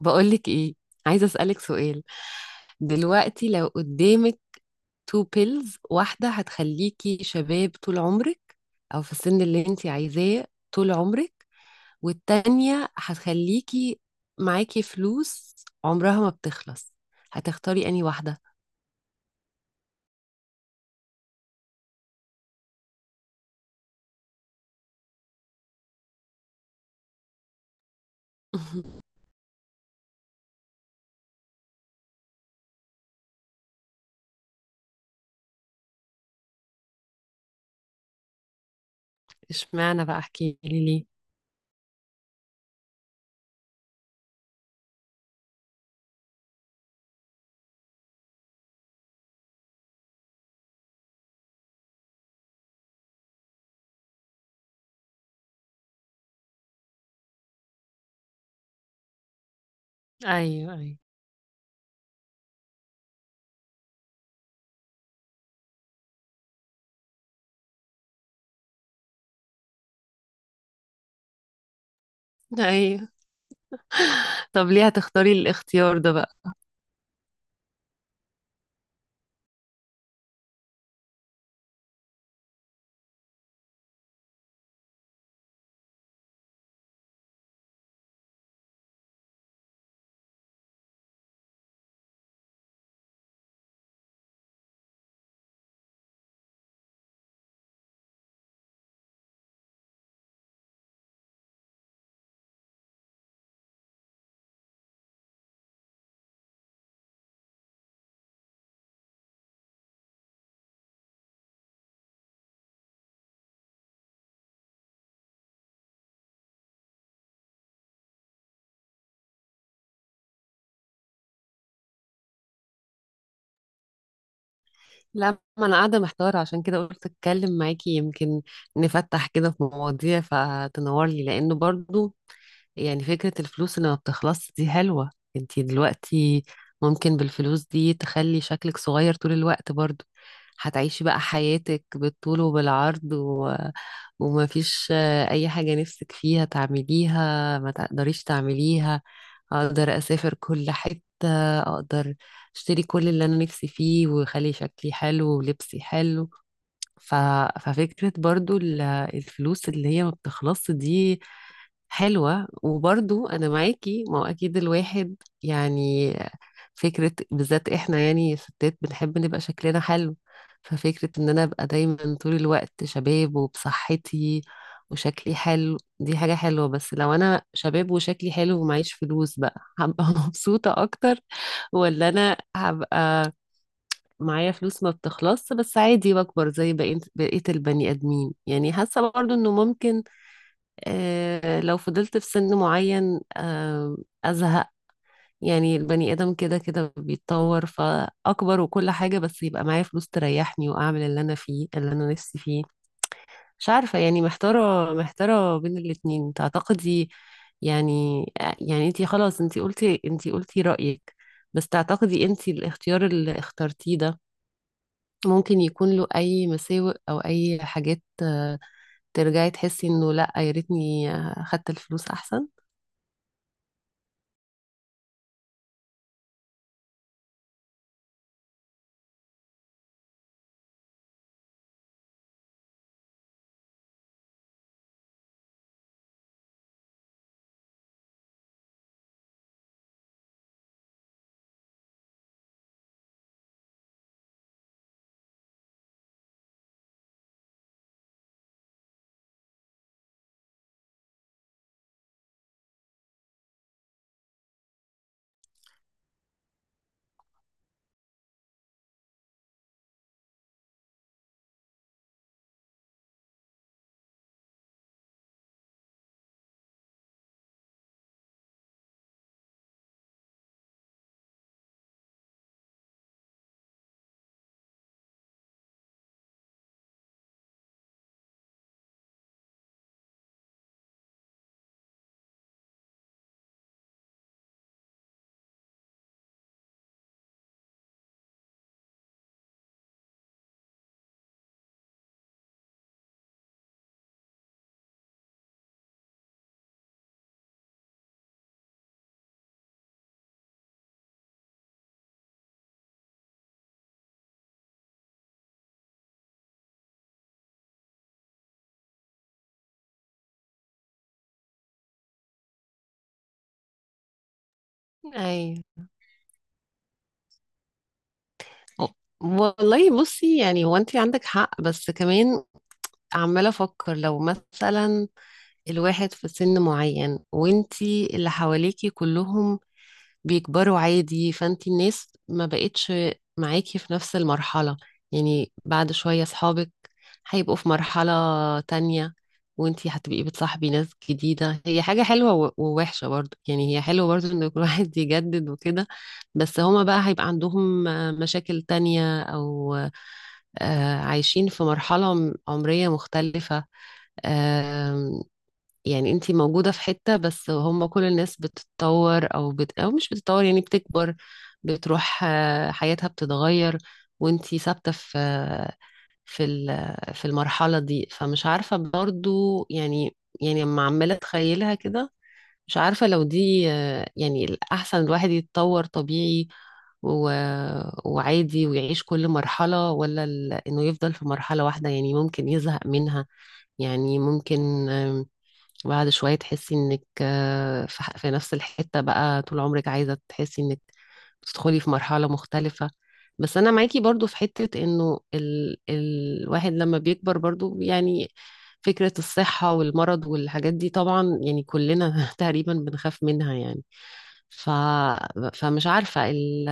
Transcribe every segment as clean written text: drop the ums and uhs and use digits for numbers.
بقولك ايه؟ عايزة أسألك سؤال. دلوقتي لو قدامك تو بيلز، واحدة هتخليكي شباب طول عمرك، أو في السن اللي انتي عايزاه طول عمرك، والتانية هتخليكي معاكي فلوس عمرها ما بتخلص. هتختاري أنهي واحدة؟ اشمعنى بقى، احكيلي ليه؟ ايوه ايوه ايوه. طب ليه هتختاري الاختيار ده بقى؟ لا، ما انا قاعده محتاره، عشان كده قلت اتكلم معاكي، يمكن نفتح كده في مواضيع فتنور لي، لانه برضو يعني فكرة الفلوس اللي ما بتخلص دي حلوة. انتي دلوقتي ممكن بالفلوس دي تخلي شكلك صغير طول الوقت، برضو هتعيشي بقى حياتك بالطول وبالعرض ومفيش أي حاجة نفسك فيها تعمليها ما تقدريش تعمليها. أقدر أسافر كل حتة، أقدر أشتري كل اللي أنا نفسي فيه، ويخلي شكلي حلو ولبسي حلو. ف... ففكرة برضو الفلوس اللي هي ما بتخلص دي حلوة. وبرضو أنا معاكي، ما هو أكيد الواحد يعني، فكرة بالذات إحنا يعني ستات بنحب نبقى شكلنا حلو. ففكرة إن أنا أبقى دايما طول الوقت شباب وبصحتي وشكلي حلو دي حاجة حلوة، بس لو أنا شباب وشكلي حلو ومعيش فلوس بقى هبقى مبسوطة أكتر، ولا أنا هبقى معايا فلوس ما بتخلص بس عادي بكبر زي بقية البني آدمين. يعني حاسة برضو إنه ممكن لو فضلت في سن معين أزهق. يعني البني آدم كده كده بيتطور فأكبر وكل حاجة، بس يبقى معايا فلوس تريحني وأعمل اللي أنا فيه اللي أنا نفسي فيه. مش عارفة يعني، محتارة بين الاتنين، تعتقدي يعني؟ يعني انتي خلاص، انتي قلتي رأيك، بس تعتقدي انتي الاختيار اللي اخترتيه ده ممكن يكون له أي مساوئ أو أي حاجات ترجعي تحسي إنه لأ، يا ريتني خدت الفلوس أحسن؟ ايوه والله. بصي، يعني هو انت عندك حق، بس كمان عمالة افكر، لو مثلا الواحد في سن معين وانت اللي حواليكي كلهم بيكبروا عادي، فانت الناس ما بقتش معاكي في نفس المرحلة. يعني بعد شوية صحابك هيبقوا في مرحلة تانية، وانتي هتبقي بتصاحبي ناس جديدة. هي حاجة حلوة ووحشة برضو، يعني هي حلوة برضو ان كل واحد يجدد وكده، بس هما بقى هيبقى عندهم مشاكل تانية او عايشين في مرحلة عمرية مختلفة. يعني انت موجودة في حتة، بس هم كل الناس بتتطور او او مش بتتطور، يعني بتكبر، بتروح حياتها بتتغير، وانت ثابتة في في في المرحلة دي. فمش عارفة برضو يعني، يعني لما عمالة اتخيلها كده، مش عارفة لو دي يعني الأحسن الواحد يتطور طبيعي و... وعادي ويعيش كل مرحلة، ولا إنه يفضل في مرحلة واحدة يعني ممكن يزهق منها. يعني ممكن وبعد شوية تحسي انك في في نفس الحتة بقى طول عمرك، عايزة تحسي انك بتدخلي في مرحلة مختلفة. بس انا معاكي برضو في حتة انه الواحد لما بيكبر برضو يعني، فكرة الصحة والمرض والحاجات دي طبعا يعني كلنا تقريبا بنخاف منها يعني. ف... فمش عارفة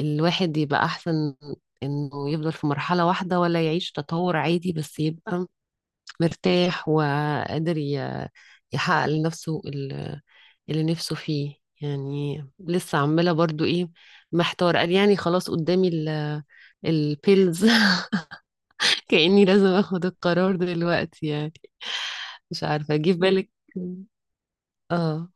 الواحد يبقى احسن انه يفضل في مرحلة واحدة، ولا يعيش تطور عادي بس يبقى مرتاح وقادر يحقق لنفسه اللي نفسه فيه. يعني لسه عمالة برضو ايه، محتار قال، يعني خلاص قدامي البيلز كأني لازم اخد القرار دلوقتي يعني. مش عارفة جه في بالك؟ اه.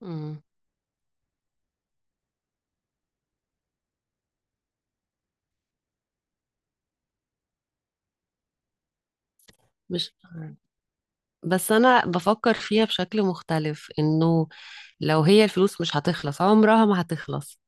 مم. مش عارفة. بس انا بفكر فيها بشكل مختلف، انه لو هي الفلوس مش هتخلص، عمرها ما هتخلص،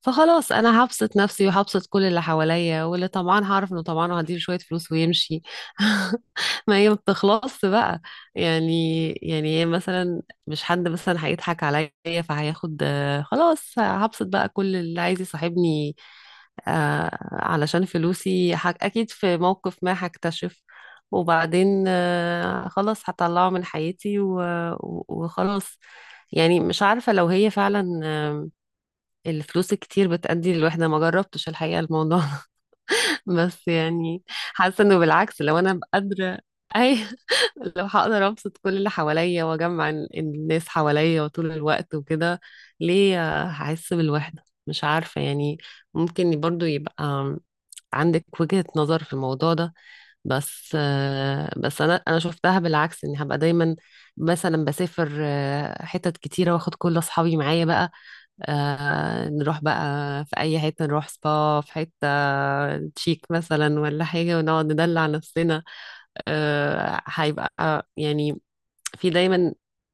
فخلاص انا هبسط نفسي وهبسط كل اللي حواليا، واللي طمعان هعرف انه طمعان وهديله شويه فلوس ويمشي. ما هي ما بتخلصش بقى. يعني يعني هي مثلا، مش حد مثلا هيضحك عليا فهياخد خلاص هبسط بقى كل اللي عايز يصاحبني علشان فلوسي. اكيد في موقف ما هكتشف، وبعدين خلاص هطلعه من حياتي وخلاص. يعني مش عارفة لو هي فعلا الفلوس الكتير بتأدي للوحدة، ما جربتش الحقيقة الموضوع. بس يعني حاسة انه بالعكس لو انا قادرة، اي لو هقدر ابسط كل اللي حواليا واجمع الناس حواليا وطول الوقت وكده، ليه هحس بالوحدة؟ مش عارفة يعني. ممكن برضو يبقى عندك وجهة نظر في الموضوع ده، بس بس انا شفتها بالعكس، اني هبقى دايما مثلا بسافر حتت كتيرة واخد كل اصحابي معايا بقى، آه نروح بقى في أي حتة، نروح سبا في حتة تشيك مثلا ولا حاجة، ونقعد ندلع نفسنا. آه هيبقى يعني في دايما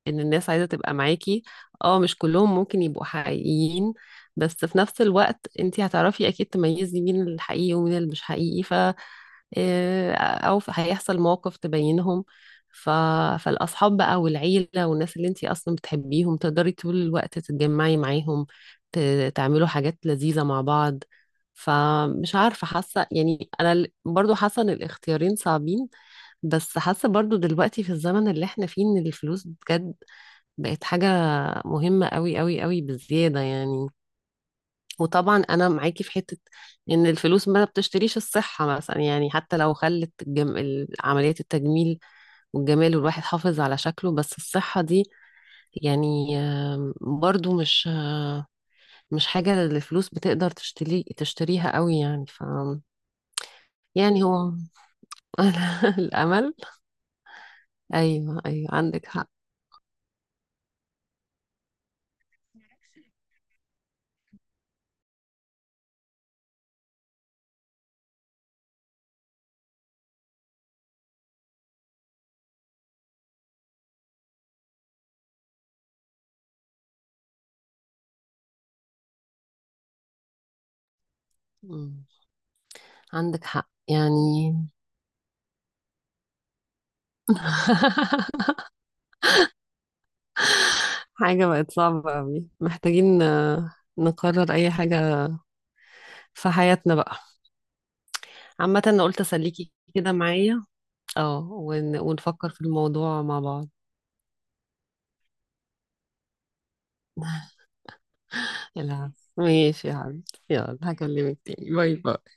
إن الناس عايزة تبقى معاكي. اه، مش كلهم ممكن يبقوا حقيقيين، بس في نفس الوقت انتي هتعرفي أكيد تميزي مين الحقيقي ومين اللي مش حقيقي. إيه، او هيحصل موقف تبينهم. ف... فالاصحاب بقى والعيله والناس اللي انتي اصلا بتحبيهم تقدري طول الوقت تتجمعي معاهم، ت... تعملوا حاجات لذيذه مع بعض. فمش عارفه، حاسه يعني انا برضو حاسه ان الاختيارين صعبين، بس حاسه برضو دلوقتي في الزمن اللي احنا فيه ان الفلوس بجد بقت حاجه مهمه قوي قوي قوي بالزياده يعني. وطبعا انا معاكي في حته ان الفلوس ما بتشتريش الصحه مثلا، يعني حتى لو خلت عمليات التجميل والجمال والواحد حافظ على شكله، بس الصحه دي يعني برضو مش حاجه الفلوس بتقدر تشتريها قوي يعني، ف يعني هو الامل، ايوه ايوه عندك حق. مم. عندك حق يعني. حاجه بقت صعبه قوي، محتاجين نقرر اي حاجه في حياتنا بقى. عامة انا قلت اسليكي كده معايا، اه ونفكر في الموضوع مع بعض. يلا، ماشي يا حبيبتي، يلا هكلمك تاني، باي باي.